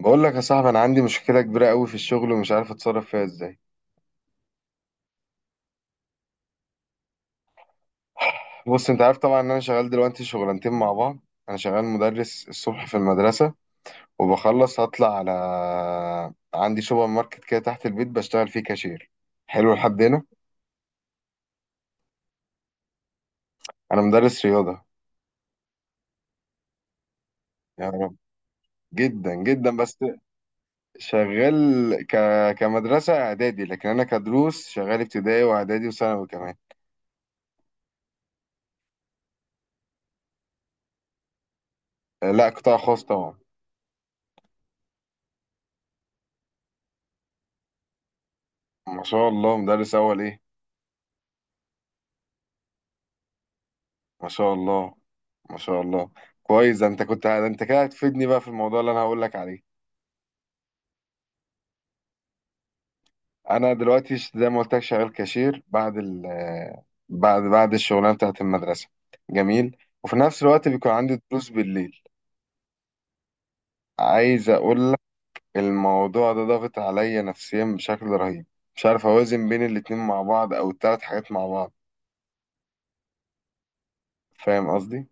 بقول لك يا صاحبي انا عندي مشكله كبيره قوي في الشغل ومش عارف اتصرف فيها ازاي. بص انت عارف طبعا ان انا شغال دلوقتي شغلانتين مع بعض. انا شغال مدرس الصبح في المدرسه وبخلص هطلع على عندي سوبر ماركت كده تحت البيت بشتغل فيه كاشير. حلو لحد هنا. انا مدرس رياضه. يا رب جدا جدا. بس شغال ك... كمدرسه اعدادي، لكن انا كدروس شغال ابتدائي واعدادي وثانوي كمان. لا قطاع خاص طبعا. ما شاء الله، مدرس اول ايه؟ ما شاء الله، ما شاء الله. كويس، ده انت كده هتفيدني بقى في الموضوع اللي انا هقول لك عليه. انا دلوقتي زي ما قلت لك شغال كاشير بعد ال بعد الشغلانه بتاعت المدرسه. جميل. وفي نفس الوقت بيكون عندي دروس بالليل. عايز اقول لك، الموضوع ده ضاغط عليا نفسيا بشكل رهيب. مش عارف اوازن بين الاتنين مع بعض او التلات حاجات مع بعض. فاهم قصدي؟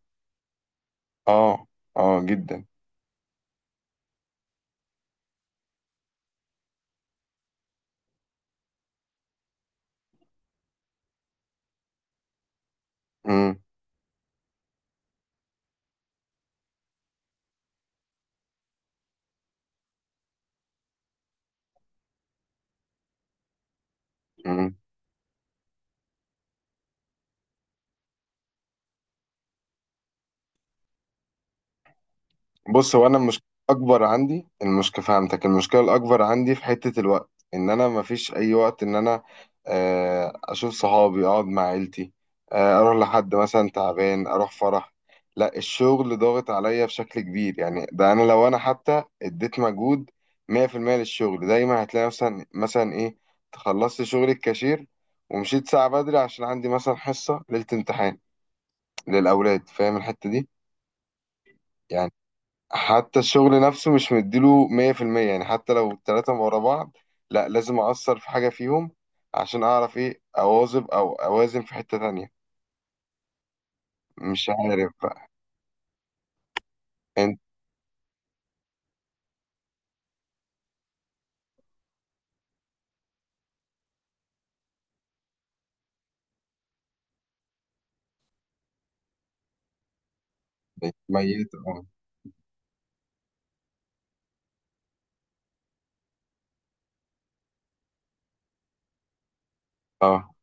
اه، اه جدا. امم بص هو انا مش اكبر عندي المشكله، فهمتك، المشكله الاكبر عندي في حته الوقت ان انا مفيش اي وقت ان انا اشوف صحابي، اقعد مع عيلتي، اروح لحد مثلا تعبان، اروح فرح. لا الشغل ضاغط عليا بشكل كبير. يعني ده انا لو انا حتى اديت مجهود 100% للشغل، دايما هتلاقي مثلا مثلا ايه خلصت شغل الكاشير ومشيت ساعه بدري عشان عندي مثلا حصه ليله امتحان للاولاد. فاهم الحته دي؟ يعني حتى الشغل نفسه مش مديله 100%. يعني حتى لو التلاتة ورا بعض، لا لازم أأثر في حاجة فيهم عشان أعرف إيه أواظب أو أوازن في حتة تانية. مش عارف بقى. أنت ميت أه. أه.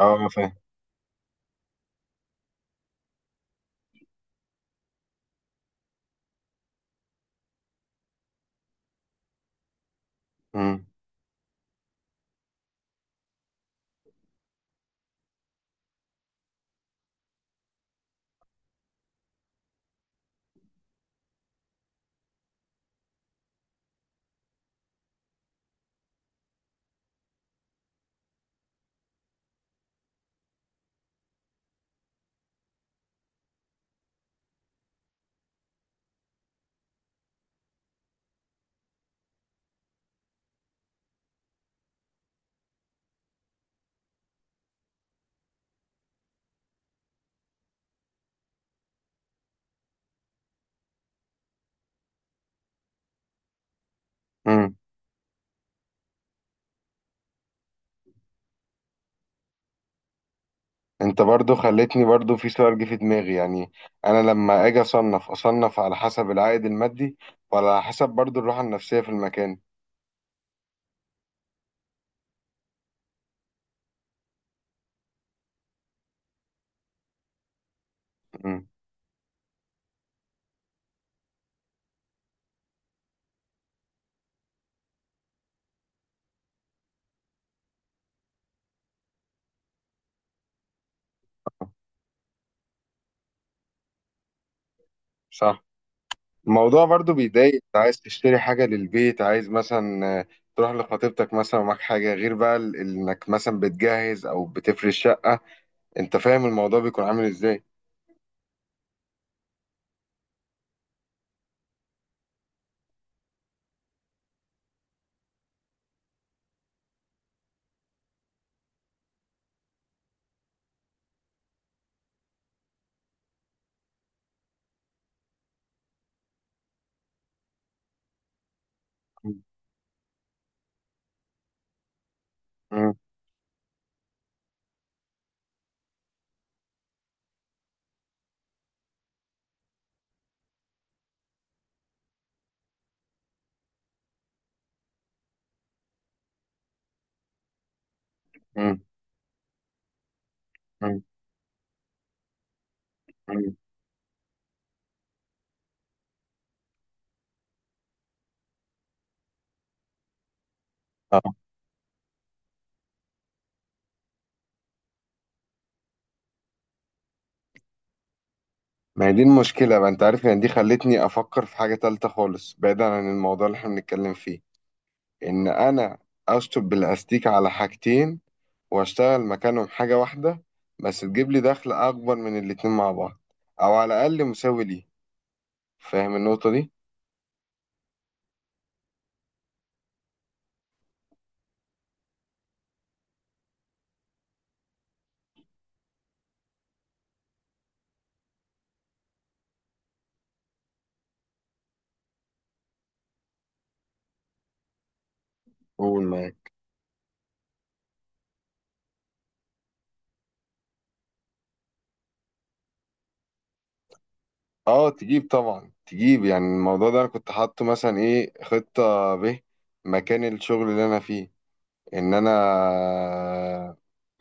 أه، أنا فاهم. مم. مم. أنت برضو خلتني برضو في سؤال جه في دماغي. يعني أنا لما أجي أصنف، أصنف على حسب العائد المادي ولا على حسب برضو الراحة النفسية في المكان؟ مم. صح. الموضوع برضو بيضايق. انت عايز تشتري حاجة للبيت، عايز مثلا تروح لخطيبتك مثلا ومعاك حاجة، غير بقى انك مثلا بتجهز او بتفرش شقة. انت فاهم الموضوع بيكون عامل ازاي؟ مم. مم. مم. مم. اه. ما هي دي المشكلة بقى. انت عارف يعني دي خلتني افكر في حاجة تالتة خالص بعيدا عن الموضوع اللي احنا بنتكلم فيه، ان انا اشطب بالاستيك على حاجتين واشتغل مكانهم حاجة واحدة بس تجيب لي دخل اكبر من الاتنين مع بعض او على الاقل مساوي ليهم. فاهم النقطة دي؟ قول معاك. اه تجيب، طبعا تجيب. يعني الموضوع ده انا كنت حاطه مثلا ايه، خطة ب، مكان الشغل اللي انا فيه، ان انا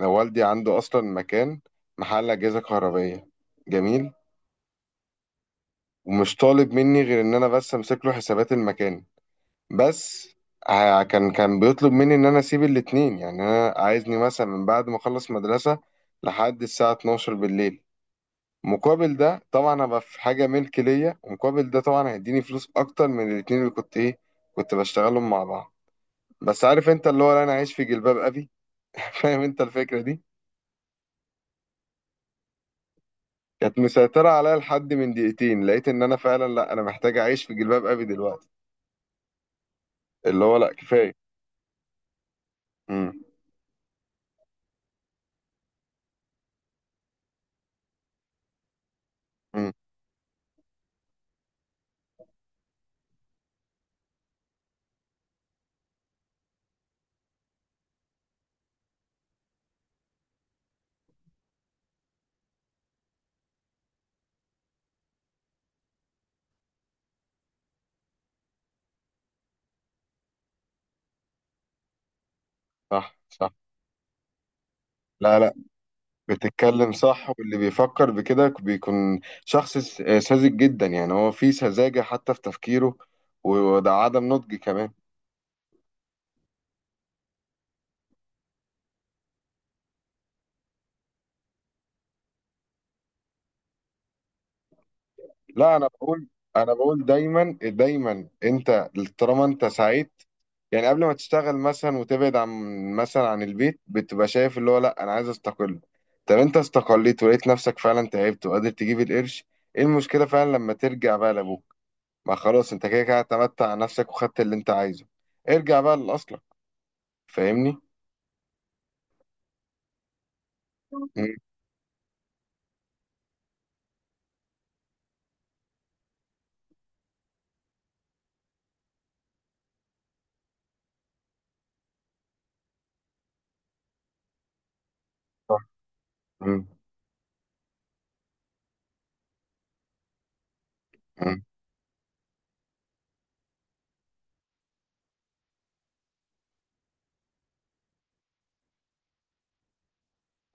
والدي عنده اصلا مكان، محل اجهزة كهربائية. جميل. ومش طالب مني غير ان انا بس امسك له حسابات المكان بس. كان بيطلب مني ان انا اسيب الاتنين. يعني انا عايزني مثلا من بعد ما اخلص مدرسة لحد الساعة 12 بالليل. مقابل ده طبعا ابقى في حاجه ملك ليا، ومقابل ده طبعا هيديني فلوس اكتر من الاتنين اللي كنت ايه كنت بشتغلهم مع بعض. بس عارف انت اللي هو، لا انا عايش في جلباب ابي فاهم انت الفكره دي؟ كانت مسيطره عليا. لحد من دقيقتين لقيت ان انا فعلا لا انا محتاج اعيش في جلباب ابي دلوقتي، اللي هو لا كفايه. امم. امم. صح صح. لا لا بتتكلم صح. واللي بيفكر بكده بيكون شخص ساذج جدا. يعني هو فيه سذاجه حتى في تفكيره، وده عدم نضج كمان. لا انا بقول انا بقول دايما دايما، انت طالما انت سعيد، يعني قبل ما تشتغل مثلا وتبعد عن مثلا عن البيت بتبقى شايف اللي هو لا انا عايز استقل. طب انت استقليت ولقيت نفسك فعلا تعبت وقادر تجيب القرش، ايه المشكلة فعلا لما ترجع بقى لابوك؟ ما خلاص انت كده كده اعتمدت على نفسك وخدت اللي انت عايزه. ارجع بقى لاصلك. فاهمني؟ مم. صح. مم. مم.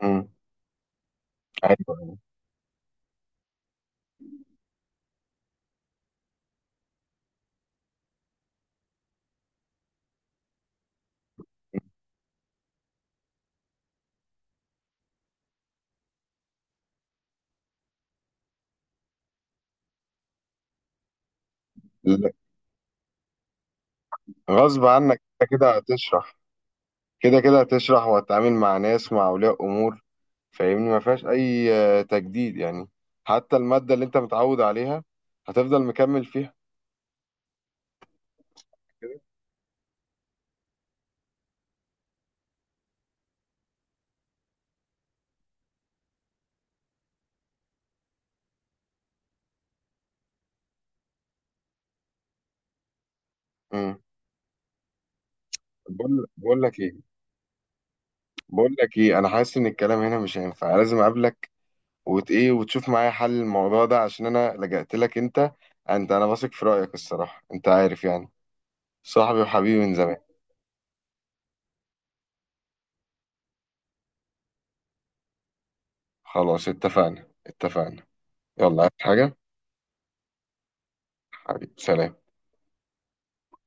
مم. ايوه. لا، غصب عنك انت كده هتشرح. كده كده هتشرح وهتتعامل مع ناس، مع أولياء أمور. فاهمني؟ ما فيهاش أي تجديد يعني. حتى المادة اللي أنت متعود عليها هتفضل مكمل فيها. امم. بقول لك إيه. بقول لك إيه، أنا حاسس إن الكلام هنا مش هينفع، لازم أقابلك وت إيه وتشوف معايا حل الموضوع ده. عشان أنا لجأت لك أنت. أنا واثق في رأيك الصراحة. أنت عارف يعني صاحبي وحبيبي من زمان. خلاص اتفقنا اتفقنا. يلا، عايز حاجة؟ حبيبي سلام.